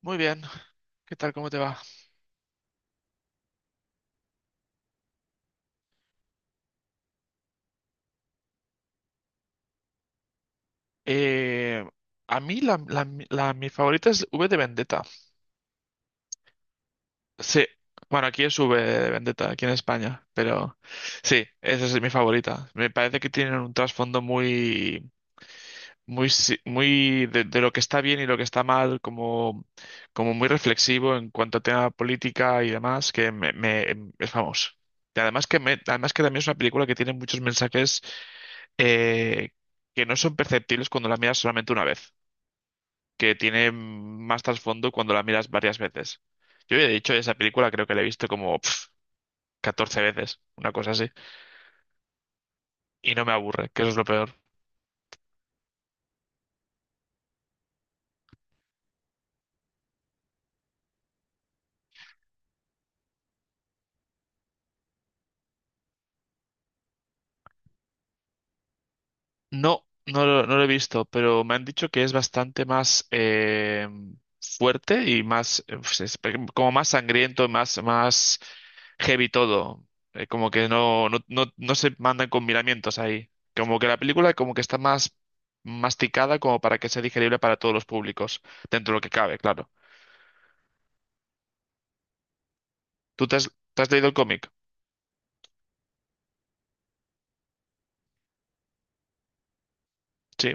Muy bien. ¿Qué tal? ¿Cómo te va? Eh, a mí la, la- la- Mi favorita es V de Vendetta. Sí. Bueno, aquí es V de Vendetta, aquí en España. Pero sí, esa es mi favorita. Me parece que tienen un trasfondo muy, muy, si- muy de lo que está bien y lo que está mal, como, como muy reflexivo en cuanto a tema política y demás, que es famoso. Y además que también es una película que tiene muchos mensajes eh, que no son perceptibles cuando la miras solamente una vez, que tiene más trasfondo cuando la miras varias veces. Yo ya he dicho, esa película creo que la he visto como pf, 14 veces, una cosa así, y no me aburre, que eso es lo peor. No, no lo he visto, pero me han dicho que es bastante más fuerte y más, pues como más sangriento, más, más heavy todo. Como que no se mandan con miramientos ahí. Como que la película como que está más masticada como para que sea digerible para todos los públicos, dentro de lo que cabe, claro. ¿Tú te has, ¿te has leído el cómic? Sí.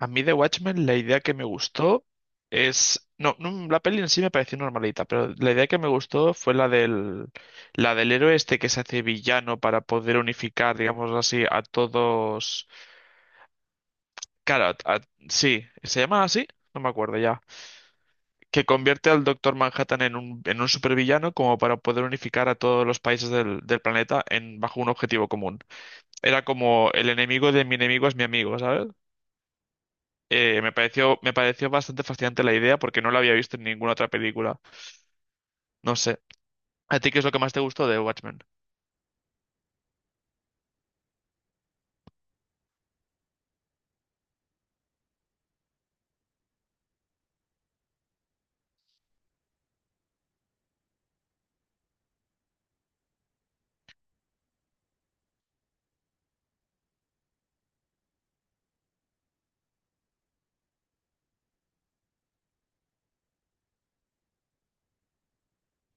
A mí de Watchmen la idea que me gustó es... No, no, la peli en sí me pareció normalita, pero la idea que me gustó fue la del héroe este que se hace villano para poder unificar, digamos así, a todos... Claro, sí, ¿se llama así? No me acuerdo ya. Que convierte al Doctor Manhattan en un supervillano como para poder unificar a todos los países del planeta en, bajo un objetivo común. Era como el enemigo de mi enemigo es mi amigo, ¿sabes? Me pareció bastante fascinante la idea porque no la había visto en ninguna otra película. No sé. ¿A ti qué es lo que más te gustó de Watchmen?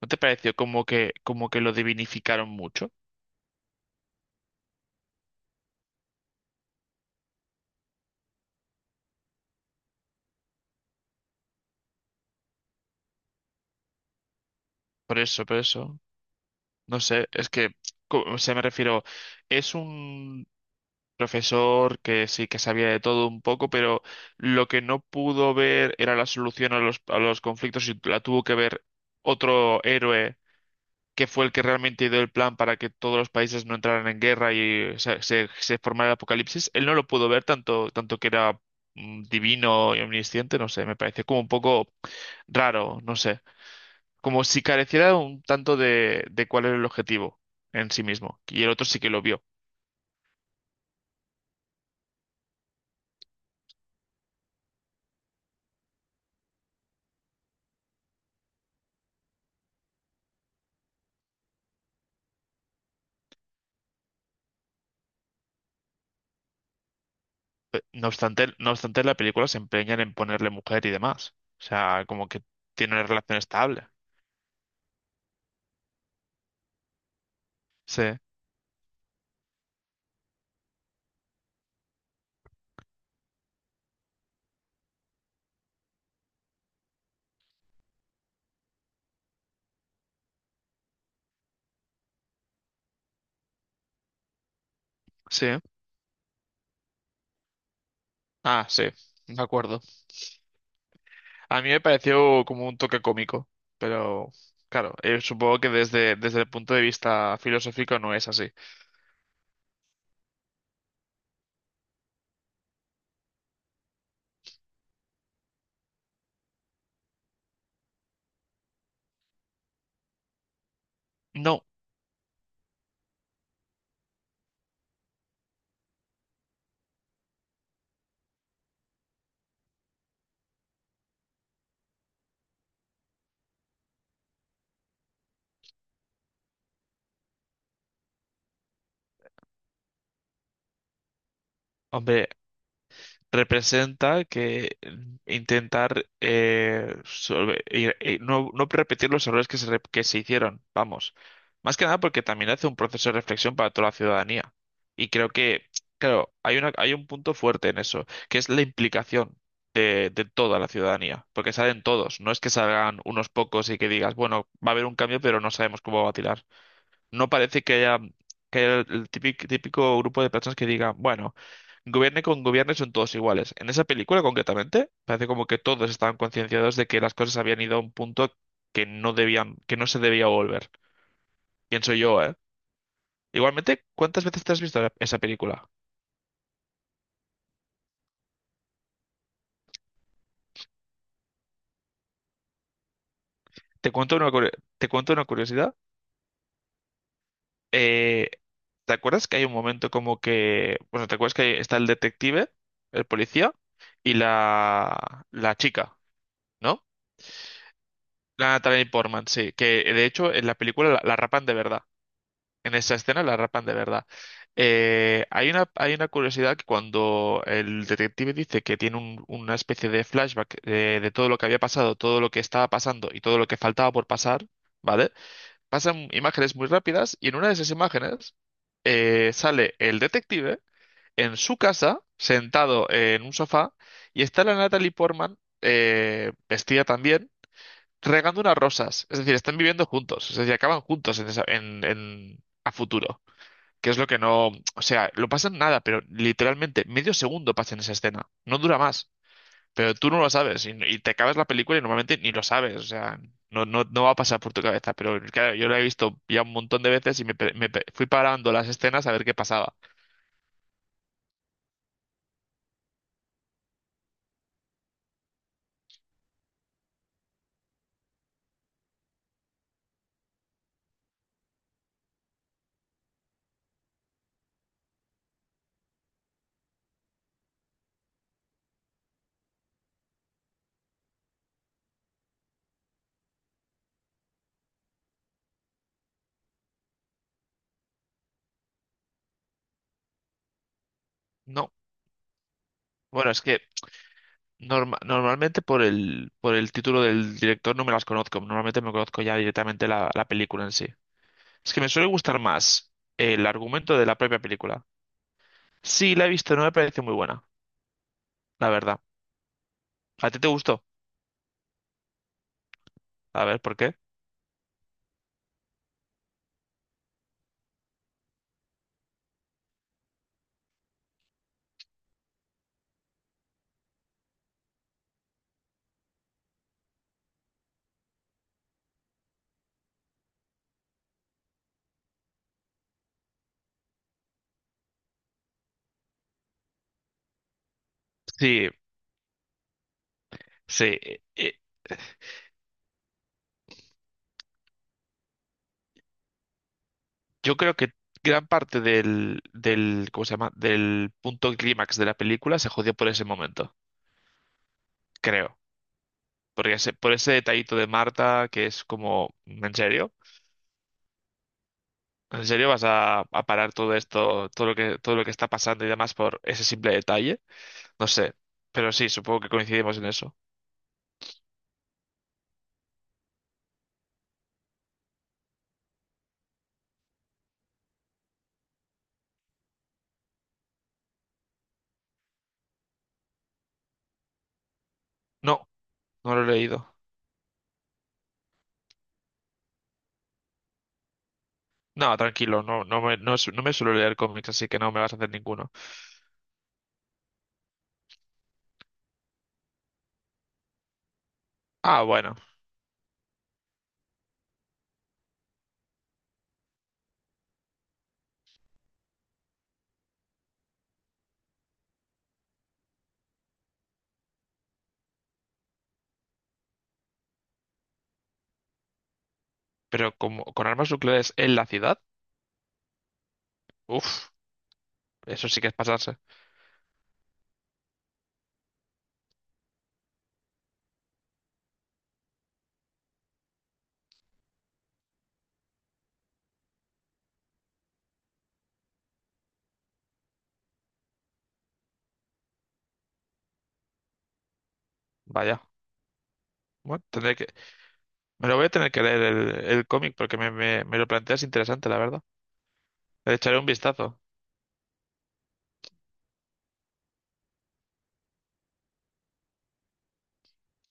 ¿No te pareció como que lo divinificaron mucho? Por eso, por eso. No sé, es que, o sea, me refiero, es un profesor que sí que sabía de todo un poco, pero lo que no pudo ver era la solución a a los conflictos y la tuvo que ver otro héroe que fue el que realmente dio el plan para que todos los países no entraran en guerra y se formara el apocalipsis, él no lo pudo ver tanto, tanto que era divino y omnisciente, no sé, me parece como un poco raro, no sé, como si careciera un tanto de cuál era el objetivo en sí mismo, y el otro sí que lo vio. No obstante, la película se empeñan en ponerle mujer y demás, o sea, como que tiene una relación estable. Sí, sí, ah, sí, de acuerdo. A mí me pareció como un toque cómico, pero claro, supongo que desde, desde el punto de vista filosófico no es así. No, hombre, representa que intentar y no, no repetir los errores que se hicieron, vamos. Más que nada porque también hace un proceso de reflexión para toda la ciudadanía. Y creo que, claro, hay hay un punto fuerte en eso, que es la implicación de toda la ciudadanía, porque salen todos, no es que salgan unos pocos y que digas, bueno, va a haber un cambio, pero no sabemos cómo va a tirar. No parece que que haya el típico, típico grupo de personas que diga, bueno, gobierne con gobierne son todos iguales. En esa película concretamente, parece como que todos estaban concienciados de que las cosas habían ido a un punto que no debían, que no se debía volver. Pienso yo, ¿eh? Igualmente, ¿cuántas veces te has visto esa película? Te cuento una, curio- te cuento una curiosidad. eh, ¿Te acuerdas que hay un momento como que, bueno, ¿te acuerdas que está el detective, el policía y la chica, ¿no? La Natalie Portman, sí, que de hecho en la película la rapan de verdad. En esa escena la rapan de verdad. Hay hay una curiosidad que cuando el detective dice que tiene una especie de flashback de todo lo que había pasado, todo lo que estaba pasando y todo lo que faltaba por pasar, ¿vale? Pasan imágenes muy rápidas y en una de esas imágenes sale el detective en su casa, sentado en un sofá, y está la Natalie Portman, vestida también, regando unas rosas. Es decir, están viviendo juntos, es decir, acaban juntos en a futuro. Que es lo que no. O sea, lo pasan nada, pero literalmente medio segundo pasa en esa escena. No dura más. Pero tú no lo sabes y te acabas la película y normalmente ni lo sabes, o sea, no va a pasar por tu cabeza, pero claro, yo la he visto ya un montón de veces y fui parando las escenas a ver qué pasaba. No, bueno, es que normalmente por por el título del director no me las conozco, normalmente me conozco ya directamente la película en sí. Es que me suele gustar más el argumento de la propia película. Sí, la he visto, no me parece muy buena, la verdad. ¿A ti te gustó? A ver, ¿por qué? Sí, sí. E, yo creo que gran parte del ¿cómo se llama? Del punto clímax de la película se jodió por ese momento, creo. Porque por ese detallito de Marta, que es como, ¿en serio? ¿En serio vas a parar todo esto, todo lo que está pasando y demás por ese simple detalle? No sé. Pero sí, supongo que coincidimos en eso. No, no lo he leído. No, tranquilo, no me suelo leer cómics, así que no me vas a hacer ninguno. Ah, bueno. Pero como, con armas nucleares en la ciudad, uff, eso sí que es pasarse. Vaya. Bueno, me lo voy a tener que leer el cómic porque me lo planteas interesante, la verdad. Le echaré un vistazo.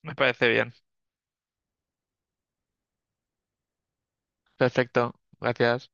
Me parece bien. Perfecto. Gracias.